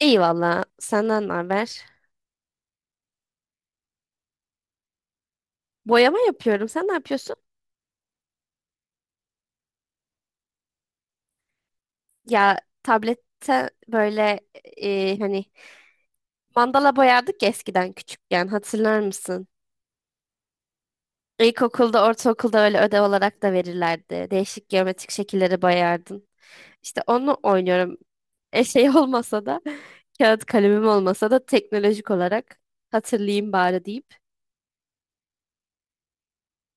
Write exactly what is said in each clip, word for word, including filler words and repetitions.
İyi valla. Senden ne haber? Boyama yapıyorum. Sen ne yapıyorsun? Ya tablette böyle e, hani mandala boyardık ya eskiden küçükken. Hatırlar mısın? İlkokulda, ortaokulda öyle ödev olarak da verirlerdi. Değişik geometrik şekilleri boyardın. İşte onu oynuyorum. E şey olmasa da kağıt kalemim olmasa da teknolojik olarak hatırlayayım bari deyip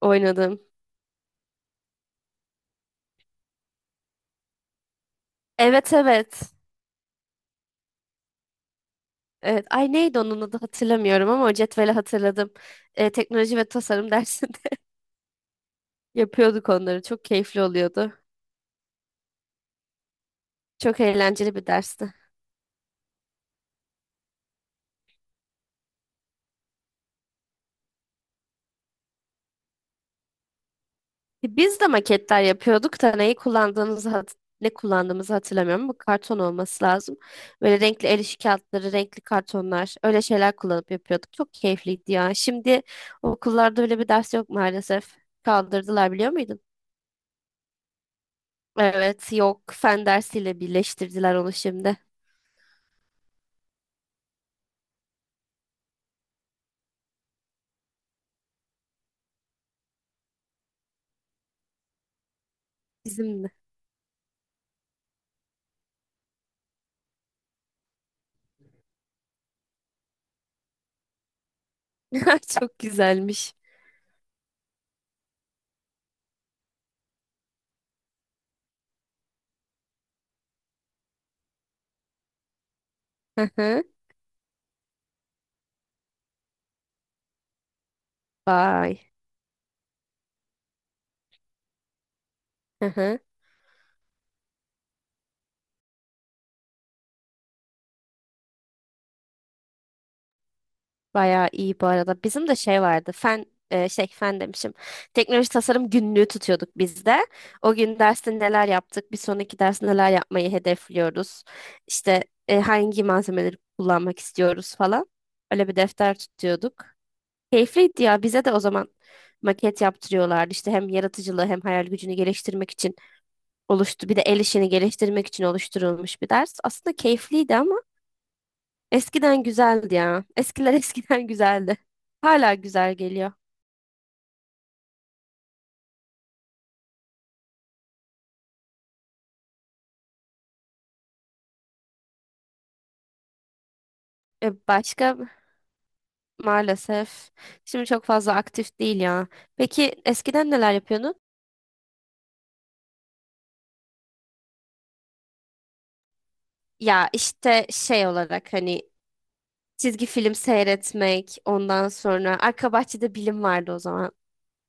oynadım. Evet evet. Evet. Ay neydi onun adı hatırlamıyorum ama o cetveli hatırladım. Ee, teknoloji ve tasarım dersinde yapıyorduk onları. Çok keyifli oluyordu. Çok eğlenceli bir dersti. E, Biz de maketler yapıyorduk da neyi kullandığımızı hat- ne kullandığımızı hatırlamıyorum. Bu karton olması lazım. Böyle renkli el işi kağıtları, renkli kartonlar, öyle şeyler kullanıp yapıyorduk. Çok keyifliydi ya. Şimdi okullarda öyle bir ders yok maalesef. Kaldırdılar biliyor muydun? Evet, yok. Fen dersiyle birleştirdiler onu şimdi. Bizim mi? Çok güzelmiş. Hı hı. Vay. Hı hı. Bayağı iyi bu arada. Bizim de şey vardı. Fen e, şey fen demişim. Teknoloji tasarım günlüğü tutuyorduk biz de. O gün derste neler yaptık, bir sonraki derste neler yapmayı hedefliyoruz. İşte e, hangi malzemeleri kullanmak istiyoruz falan. Öyle bir defter tutuyorduk. Keyifliydi ya. Bize de o zaman maket yaptırıyorlardı. İşte hem yaratıcılığı hem hayal gücünü geliştirmek için oluştu. Bir de el işini geliştirmek için oluşturulmuş bir ders. Aslında keyifliydi ama eskiden güzeldi ya. Eskiler eskiden güzeldi. Hala güzel geliyor. E, başka maalesef. Şimdi çok fazla aktif değil ya. Peki eskiden neler yapıyordun? Ya işte şey olarak hani çizgi film seyretmek, ondan sonra arka bahçede bilim vardı o zaman.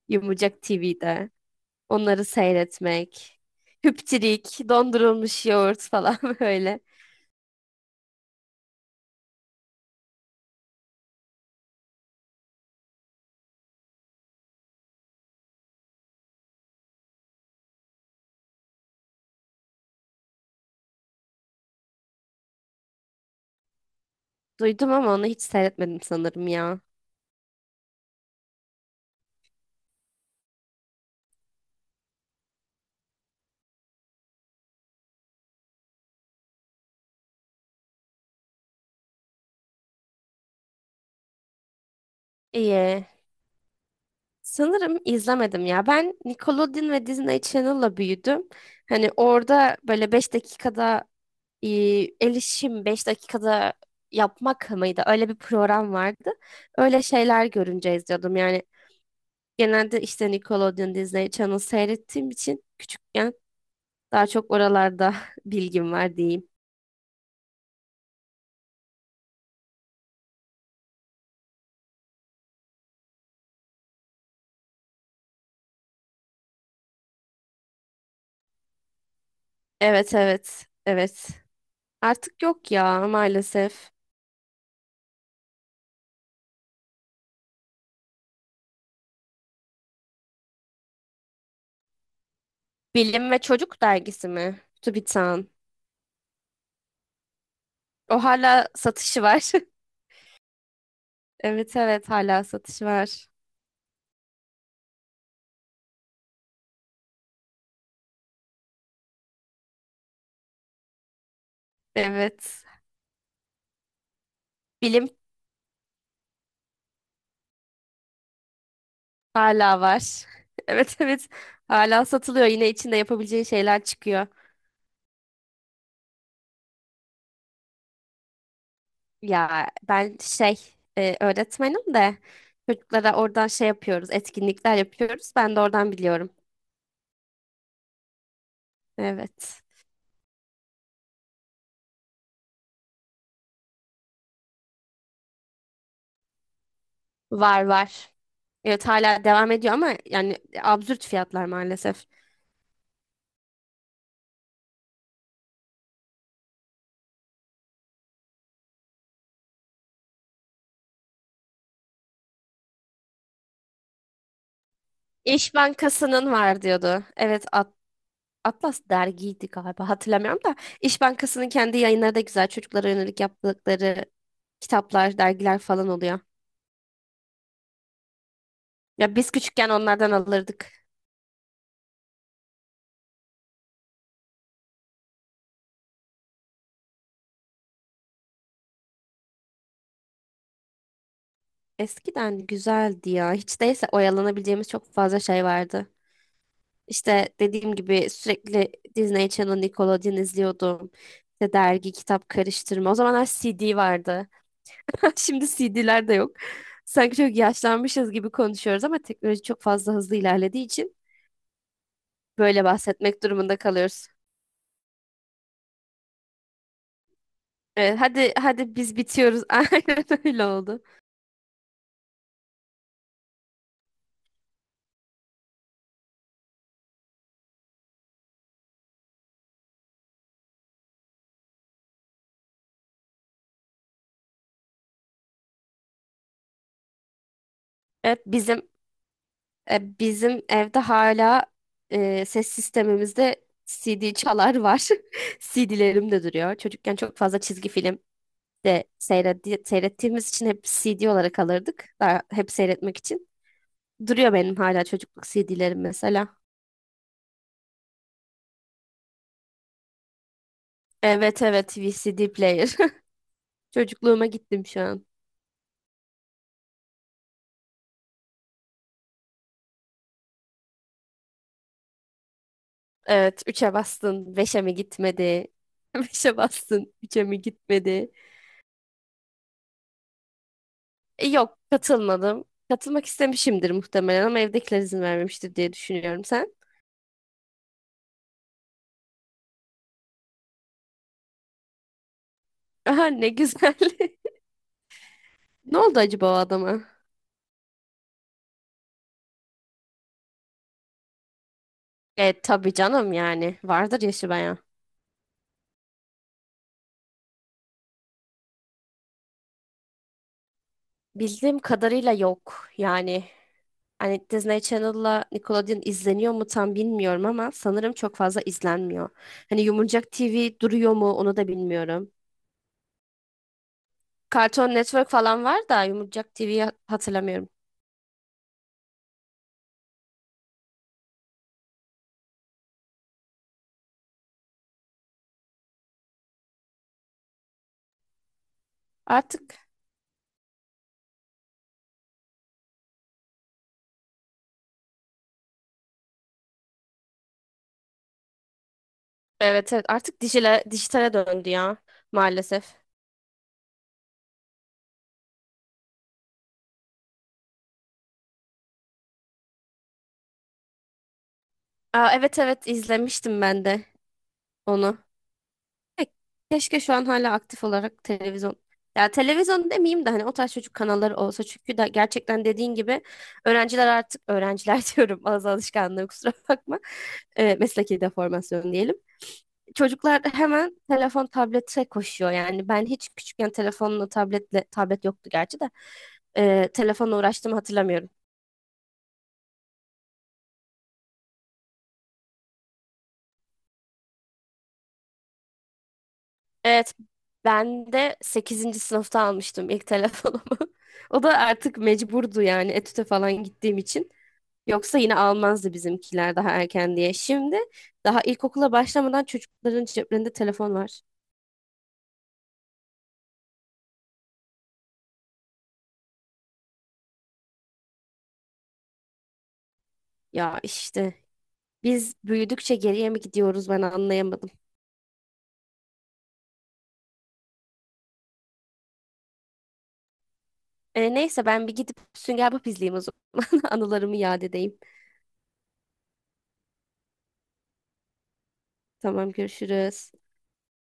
Yumurcak T V'de. Onları seyretmek. Hüptirik, dondurulmuş yoğurt falan böyle. Duydum ama onu hiç seyretmedim sanırım ya. İyi. Sanırım izlemedim ya. Ben Nickelodeon ve Disney Channel'la büyüdüm. Hani orada böyle beş dakikada e, el işim dakikada yapmak mıydı? Öyle bir program vardı. Öyle şeyler görünce izliyordum. Yani genelde işte Nickelodeon, Disney Channel seyrettiğim için küçükken daha çok oralarda bilgim var diyeyim. Evet evet evet. Artık yok ya maalesef. Bilim ve Çocuk dergisi mi? TÜBİTAK'ın. O hala satışı var. Evet evet hala satış var. Evet. Bilim hala var. Evet evet hala satılıyor. Yine içinde yapabileceğin şeyler çıkıyor. Ya ben şey e, öğretmenim de çocuklara oradan şey yapıyoruz. Etkinlikler yapıyoruz. Ben de oradan biliyorum. Evet. Var var. Evet hala devam ediyor ama yani absürt fiyatlar maalesef. İş Bankası'nın var diyordu. Evet Atlas dergiydi galiba hatırlamıyorum da İş Bankası'nın kendi yayınları da güzel çocuklara yönelik yaptıkları kitaplar, dergiler falan oluyor. Ya biz küçükken onlardan alırdık. Eskiden güzeldi ya. Hiç değilse oyalanabileceğimiz çok fazla şey vardı. İşte dediğim gibi sürekli Disney Channel, Nickelodeon izliyordum. İşte dergi, kitap karıştırma. O zamanlar C D vardı. Şimdi C D'ler de yok. Sanki çok yaşlanmışız gibi konuşuyoruz ama teknoloji çok fazla hızlı ilerlediği için böyle bahsetmek durumunda kalıyoruz. Evet, hadi hadi biz bitiyoruz. Aynen öyle oldu. Evet bizim e, bizim evde hala e, ses sistemimizde C D çalar var. C D'lerim de duruyor. Çocukken çok fazla çizgi film de seyretti, seyrettiğimiz için hep C D olarak alırdık. Daha hep seyretmek için. Duruyor benim hala çocukluk C D'lerim mesela. Evet evet V C D player. Çocukluğuma gittim şu an. Evet üçe bastın beşe mi gitmedi? Beşe bastın üç'e mi gitmedi? E, Yok katılmadım. Katılmak istemişimdir muhtemelen ama evdekiler izin vermemiştir diye düşünüyorum sen. Aha ne güzel. Ne oldu acaba o adama? E tabii canım yani vardır yaşı bayağı. Bildiğim kadarıyla yok yani. Hani Disney Channel'la Nickelodeon izleniyor mu tam bilmiyorum ama sanırım çok fazla izlenmiyor. Hani Yumurcak T V duruyor mu onu da bilmiyorum. Cartoon Network falan var da Yumurcak T V'yi hatırlamıyorum. Artık evet evet artık dijile, dijitale döndü ya maalesef. Aa, evet evet izlemiştim ben de onu. Ke- Keşke şu an hala aktif olarak televizyon. Ya televizyon demeyeyim de hani o tarz çocuk kanalları olsa çünkü da gerçekten dediğin gibi öğrenciler artık öğrenciler diyorum az alışkanlığı kusura bakma. Ee, mesleki deformasyon diyelim. Çocuklar hemen telefon tablete koşuyor yani ben hiç küçükken telefonla tabletle tablet yoktu gerçi de e, telefonla uğraştığımı hatırlamıyorum. Evet, ben de sekizinci sınıfta almıştım ilk telefonumu. O da artık mecburdu yani etüte falan gittiğim için. Yoksa yine almazdı bizimkiler daha erken diye. Şimdi daha ilkokula başlamadan çocukların ceplerinde telefon var. Ya işte biz büyüdükçe geriye mi gidiyoruz ben anlayamadım. E, neyse ben bir gidip Sünger Bob izleyeyim o zaman. Anılarımı yad edeyim. Tamam görüşürüz.